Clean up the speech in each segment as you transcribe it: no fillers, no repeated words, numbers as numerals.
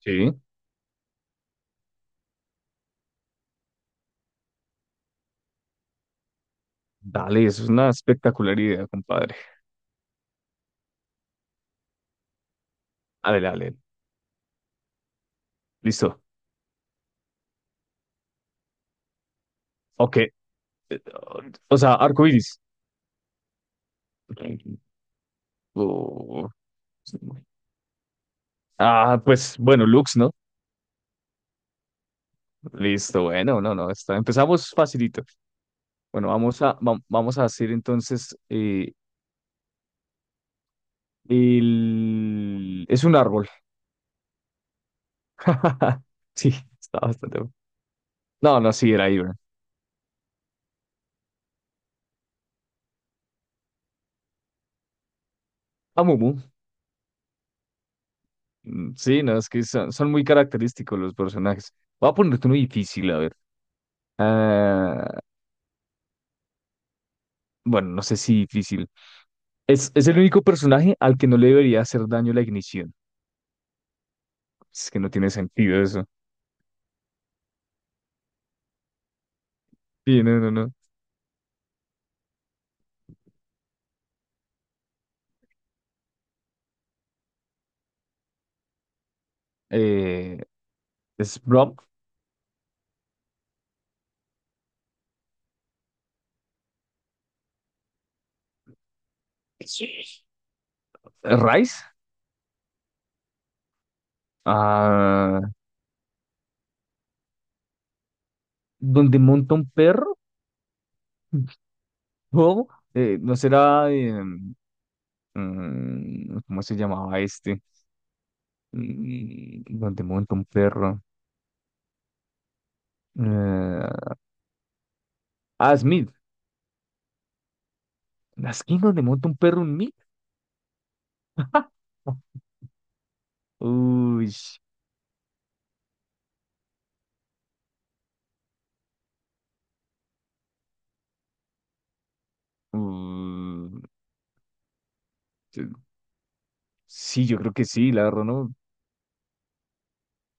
Sí. Dale, eso es una espectacular idea, compadre. Dale, dale. Listo. Ok. O sea, arcoiris. Oh. Ah, pues bueno, Lux, ¿no? Listo, bueno, no, no, está. Empezamos facilito. Bueno, vamos a hacer entonces Es un árbol. Sí, está bastante bueno. No, no, sí, era Ivern. Amumu. Sí, no, es que son muy característicos los personajes. Voy a ponerte uno difícil, a ver. Ah, bueno, no sé si difícil. Es el único personaje al que no le debería hacer daño la ignición. Es que no tiene sentido eso. Sí, no, no, no. Eh, es Brom. Sí. Rice. Ah, donde monta un perro. No, no será. ¿Cómo se llamaba este? Donde monta un perro. Eh, ah, Smith. La esquina donde monta un perro, un Meat. Uy. Uy. Sí, yo creo que sí, la verdad, ¿no?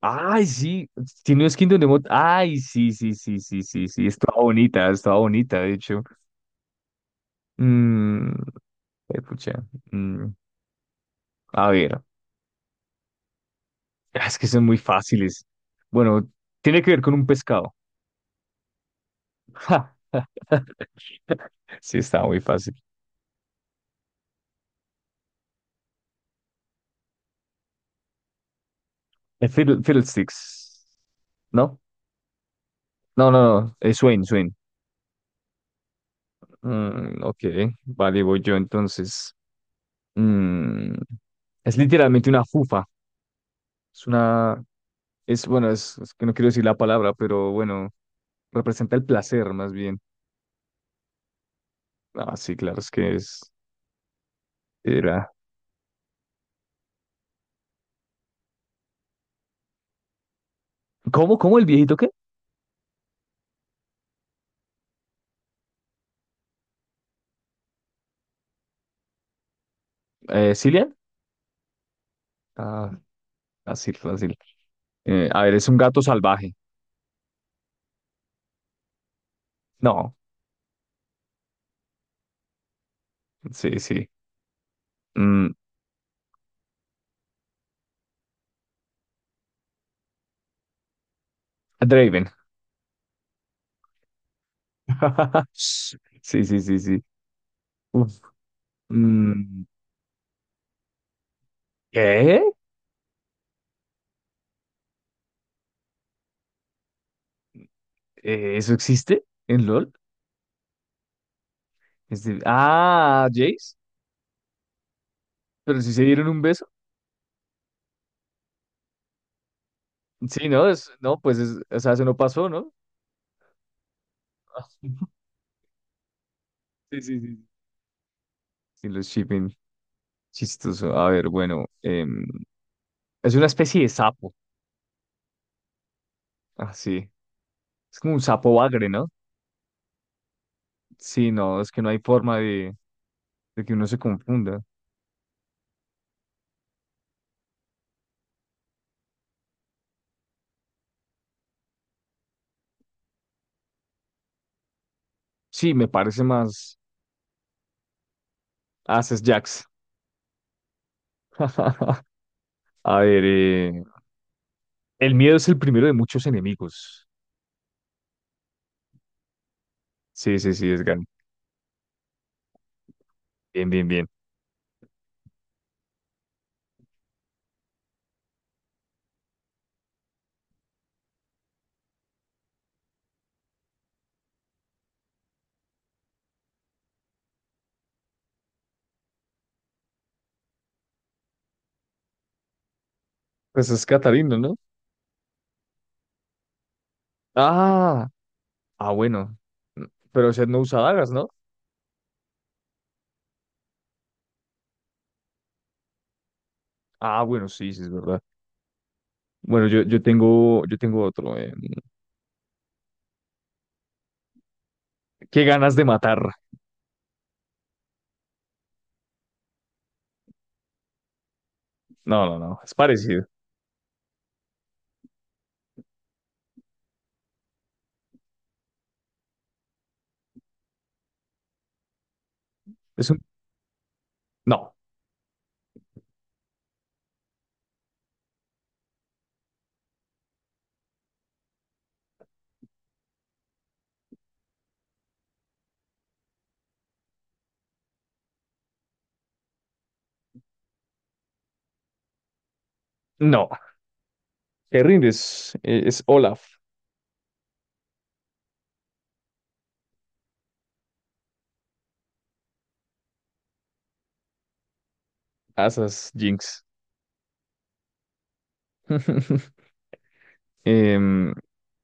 Ay, sí, tiene no es Kingdom Death, ay, sí, sí, sí, sí, sí, sí, estaba bonita, de hecho. Mm, Pucha, mm, a ver, ah, es que son muy fáciles. Bueno, tiene que ver con un pescado. Ja, sí, estaba muy fácil. Fiddlesticks, ¿no? No, no, no, Swain, Swain. Mm, ok, vale, voy yo entonces. Mm, es literalmente una fufa, es una, bueno, es que no quiero decir la palabra, pero bueno, representa el placer más bien. Ah, sí, claro, es que es, era. ¿Cómo el viejito qué? ¿Cillian? Ah, fácil, fácil. A ver, es un gato salvaje. No, sí, sí. Mm, Draven. Sí, sí, sí, sí. Uf. Mm, ¿Qué? ¿Eso existe en LOL? Ah, Jace, pero si se dieron un beso. Sí, no, es, no, pues es, o sea, eso no pasó, ¿no? Sí, sí, sí, y los shipping, chistoso. A ver, bueno, es una especie de sapo, así. Es como un sapo bagre, ¿no? Sí, no, es que no hay forma de que uno se confunda. Sí, me parece más Ases Jax. A ver, el miedo es el primero de muchos enemigos. Sí, sí, sí, es Gan. Bien, bien, bien. Pues es Catarina, ¿no? Ah, ah, bueno. Pero Seth no usa dagas, ¿no? Ah, bueno, sí, sí, es verdad. Bueno, yo tengo otro. ¿Qué ganas de matar? No, no, no, es parecido. Es un. No, no. Te rindes. Es Olaf. Asas, Jinx. Em,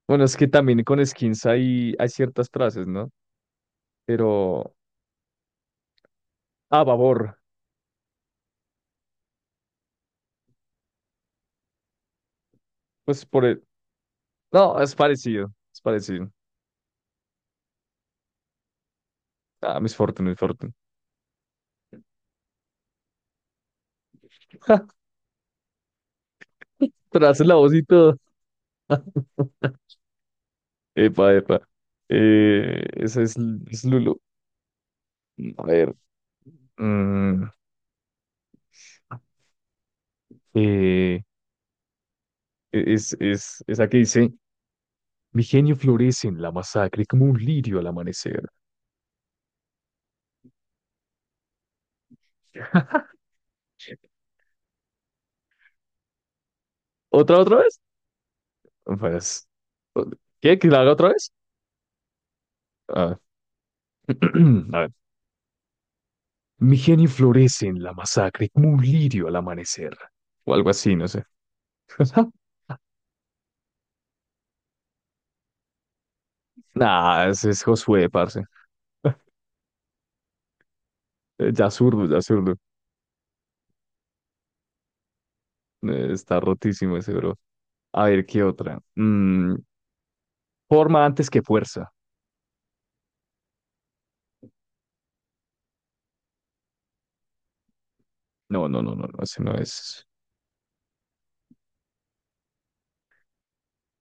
bueno, es que también con skins hay ciertas frases, ¿no? Pero. Ah, babor. Pues por el. No, es parecido. Es parecido. Ah, Miss Fortune, Miss Fortune. Pero hace la voz y todo. Epa, epa. Esa es Lulu. A ver. mm, eh, es la que dice, mi genio florece en la masacre como un lirio al amanecer. ¿Otra vez? Pues, ¿qué? ¿Que la haga otra vez? Ah, a ver. Mi genio florece en la masacre como un lirio al amanecer. O algo así, no sé. Nah, ese es Josué, parce. Ya zurdo, ya zurdo. Está rotísimo ese bro. A ver, ¿qué otra? Forma antes que fuerza. No, no, no, no, no, ese no es.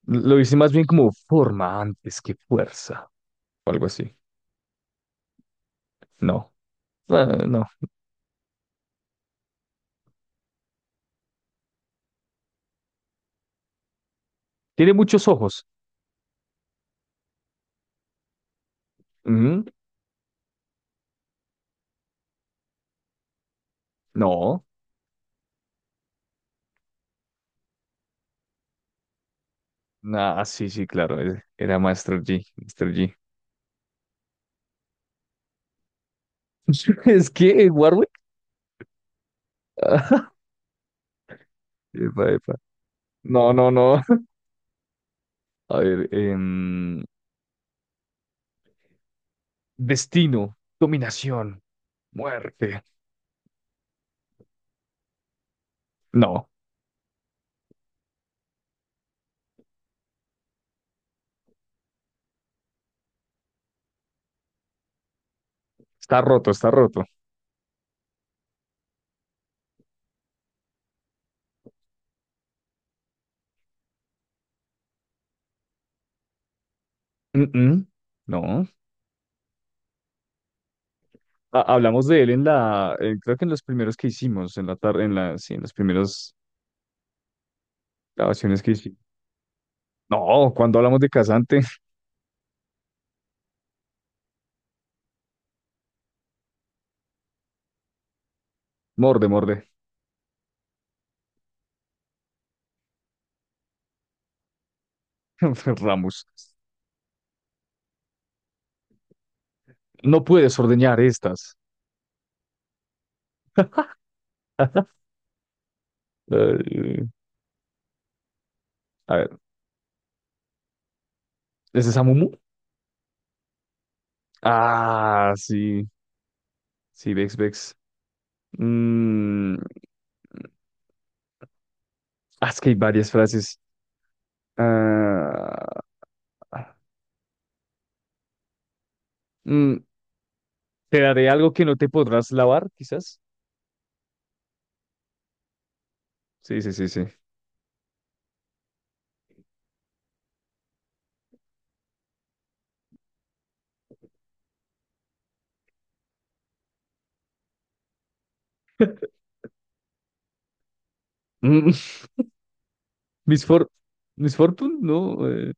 Lo hice más bien como forma antes que fuerza. O algo así. No, ah, no. Tiene muchos ojos. Ujú. No. Ah, sí, sí, claro. Era Master G. Master G. Es que Warwick. Epa, epa. No, no, no. A ver, destino, dominación, muerte. No, está roto, está roto. Mm-mm. No. Hablamos de él creo que en los primeros que hicimos, en la tarde, sí, en las primeras grabaciones que hicimos. No, cuando hablamos de Casante. Morde, morde. Ramos, no puedes ordeñar estas. Eh, a ver, ¿es de Samumu? Ah, sí, sí, Vex, Vex. Mm, ah, es que hay varias frases. Ah, mm, te daré algo que no te podrás lavar, quizás. Sí, sí, sí, sí. Mm, Miss For- Miss Fortune, no.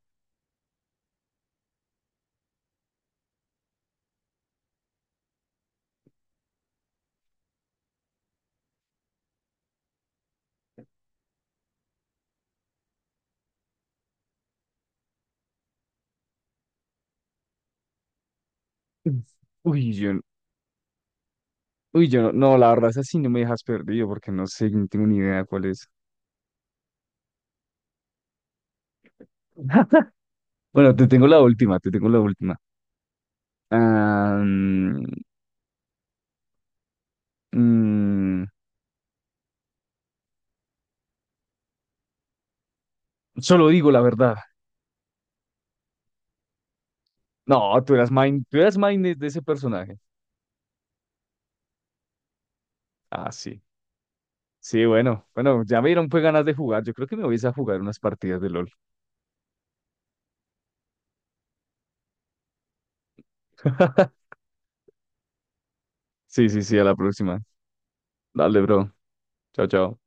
Uy, yo no, no, la verdad, esa sí no me dejas perdido porque no sé, no tengo ni idea cuál es. Bueno, te tengo la última, te tengo la última. Ah, mm, solo digo la verdad. No, tú eras main de ese personaje. Ah, sí. Sí, bueno, bueno, ya me dieron pues ganas de jugar. Yo creo que me voy a ir a jugar unas partidas de LOL. Sí, sí, sí, a la próxima. Dale, bro. Chao, chao.